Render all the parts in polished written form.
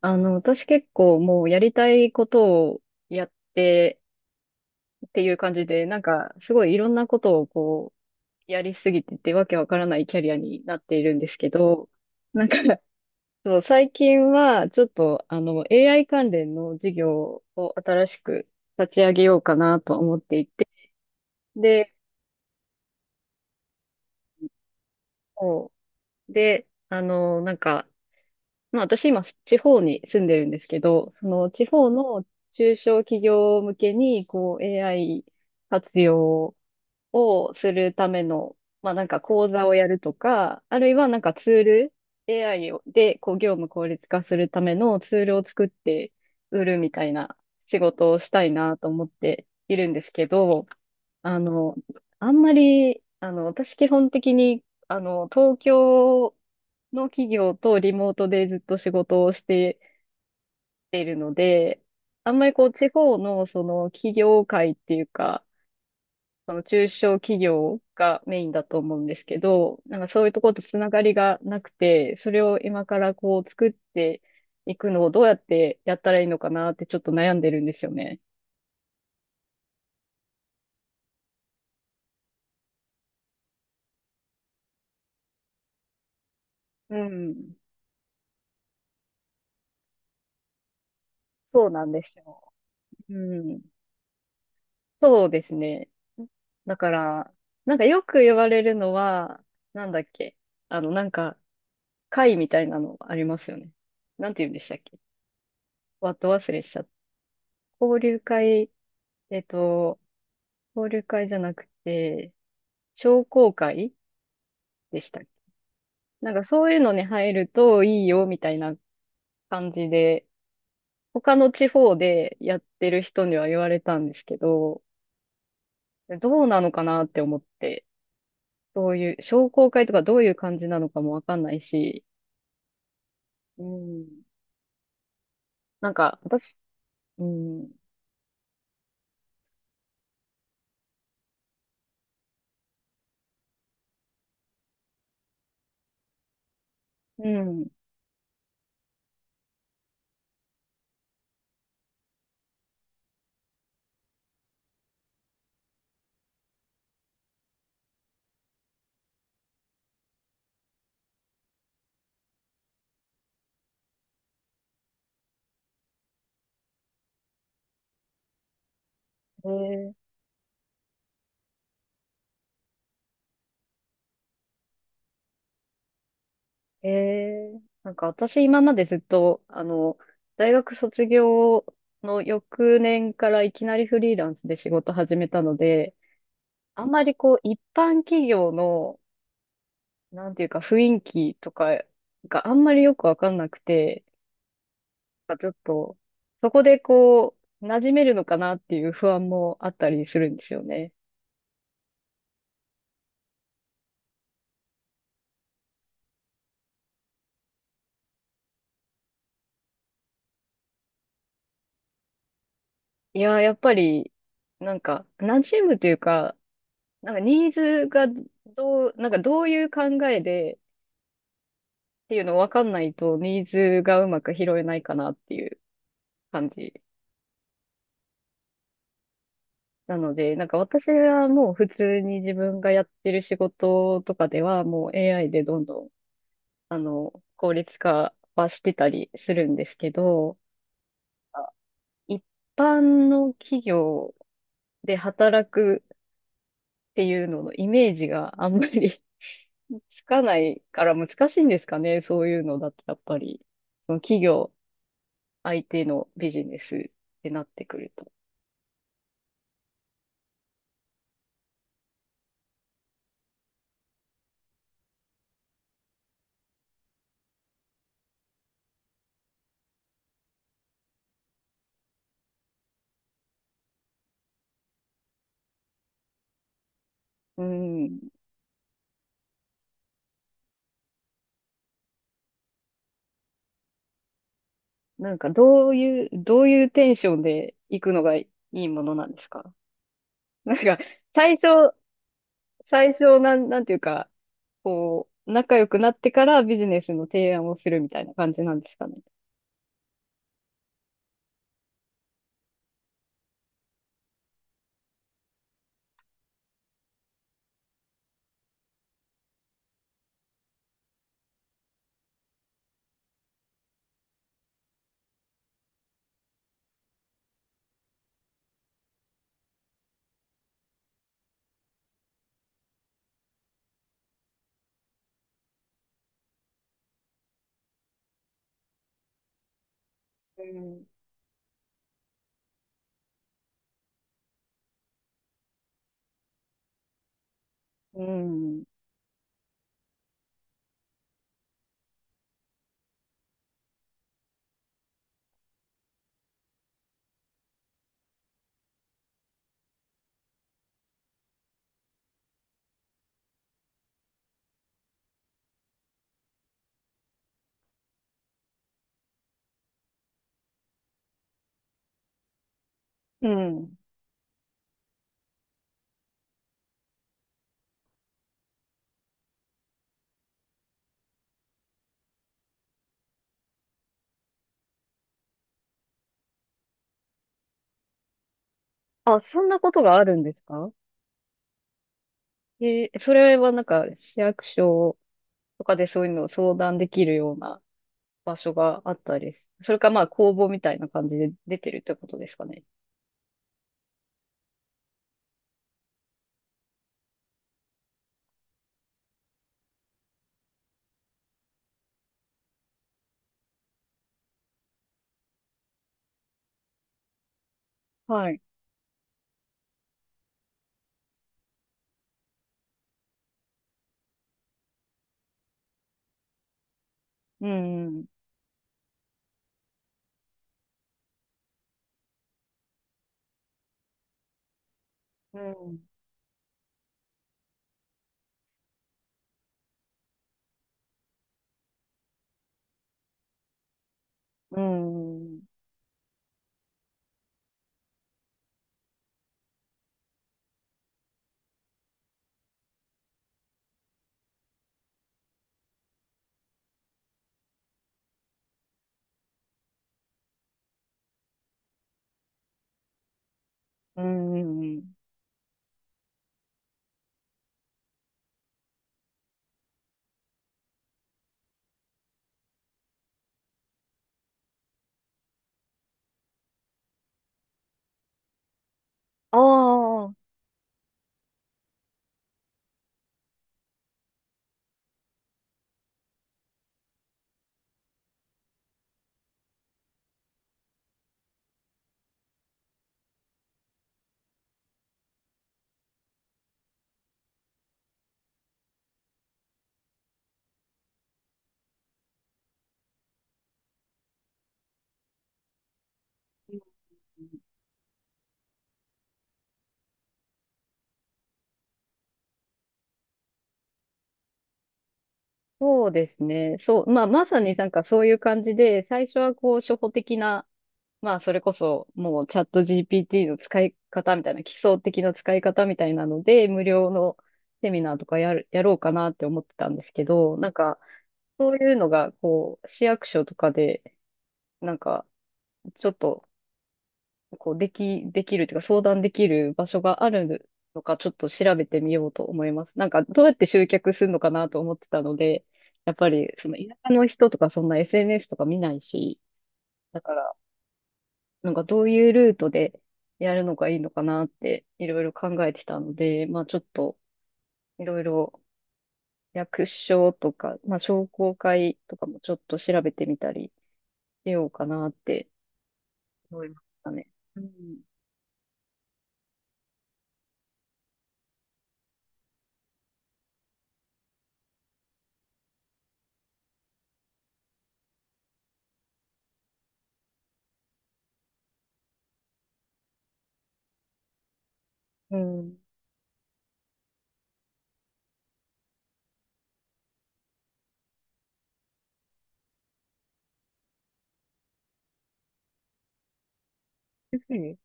私結構もうやりたいことをやってっていう感じで、なんかすごいいろんなことをこう、やりすぎててわけわからないキャリアになっているんですけど、なんか そう、最近はちょっとAI 関連の事業を新しく立ち上げようかなと思っていて、で、もう、で、あの、なんか、まあ私今地方に住んでるんですけど、その地方の中小企業向けにこう AI 活用をするための、まあなんか講座をやるとか、あるいはなんかツール、AI をでこう業務効率化するためのツールを作って売るみたいな仕事をしたいなと思っているんですけど、あの、あんまり、私基本的に、東京の企業とリモートでずっと仕事をしているので、あんまりこう、地方のその企業界っていうか、その中小企業がメインだと思うんですけど、なんかそういうところとつながりがなくて、それを今からこう、作っていくのをどうやってやったらいいのかなってちょっと悩んでるんですよね。うん。そうなんですよ。うん。そうですね。だから、なんかよく言われるのは、なんだっけ。あの、なんか、会みたいなのありますよね。なんて言うんでしたっけ。わっと忘れしちゃった。交流会、えっと、交流会じゃなくて、商工会でしたっけ。なんかそういうのに入るといいよ、みたいな感じで、他の地方でやってる人には言われたんですけど、どうなのかなって思って、どういう、商工会とかどういう感じなのかもわかんないし、うん。なんか、私、うん、うん、えなんか私今までずっと、大学卒業の翌年からいきなりフリーランスで仕事始めたので、あんまりこう、一般企業の、なんていうか雰囲気とかがあんまりよくわかんなくて、なんかちょっと、そこでこう、馴染めるのかなっていう不安もあったりするんですよね。いやー、やっぱり、なんか、馴染むというか、なんかニーズがどう、なんかどういう考えでっていうの分かんないと、ニーズがうまく拾えないかなっていう感じなので、なんか私はもう普通に自分がやってる仕事とかでは、もう AI でどんどん、効率化はしてたりするんですけど、一般の企業で働くっていうののイメージがあんまりつかないから難しいんですかね、そういうのだと、やっぱり。その企業相手のビジネスってなってくると。うん。なんかどういう、どういうテンションで行くのがいいものなんですか？なんか、最初、最初、なんていうか、こう、仲良くなってからビジネスの提案をするみたいな感じなんですかね。うん。うん。うん。あ、そんなことがあるんですか？それはなんか、市役所とかでそういうのを相談できるような場所があったりす。それかまあ公募みたいな感じで出てるってことですかね。はい。うん。うん。うん。うん。ああー、そうですね。そう。まあまさになんかそういう感じで、最初はこう初歩的な、まあそれこそもうチャット GPT の使い方みたいな、基礎的な使い方みたいなので、無料のセミナーとかやろうかなって思ってたんですけど、なんか、そういうのが、こう、市役所とかで、なんか、ちょっと、こう、できるというか、相談できる場所があるのか、ちょっと調べてみようと思います。なんか、どうやって集客するのかなと思ってたので、やっぱり、その、田舎の人とか、そんな SNS とか見ないし、だから、なんか、どういうルートでやるのがいいのかなって、いろいろ考えてたので、まあ、ちょっと、いろいろ、役所とか、まあ、商工会とかもちょっと調べてみたりしようかなって、思いましたね。うん。うん。主生。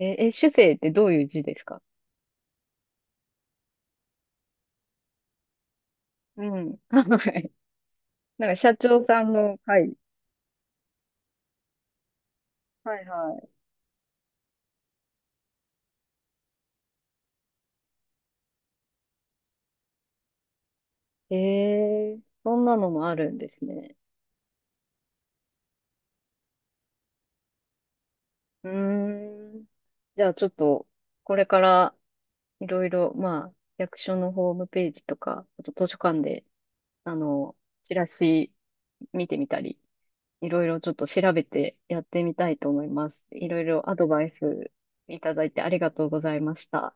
主生ってどういう字ですか？うん。はい。なんか社長さんの会。はいはい。えー、そんなのもあるんですね。うーん。じゃあちょっと、これからいろいろ、まあ、役所のホームページとか、あと図書館で、あの、チラシ見てみたり、いろいろちょっと調べてやってみたいと思います。いろいろアドバイスいただいてありがとうございました。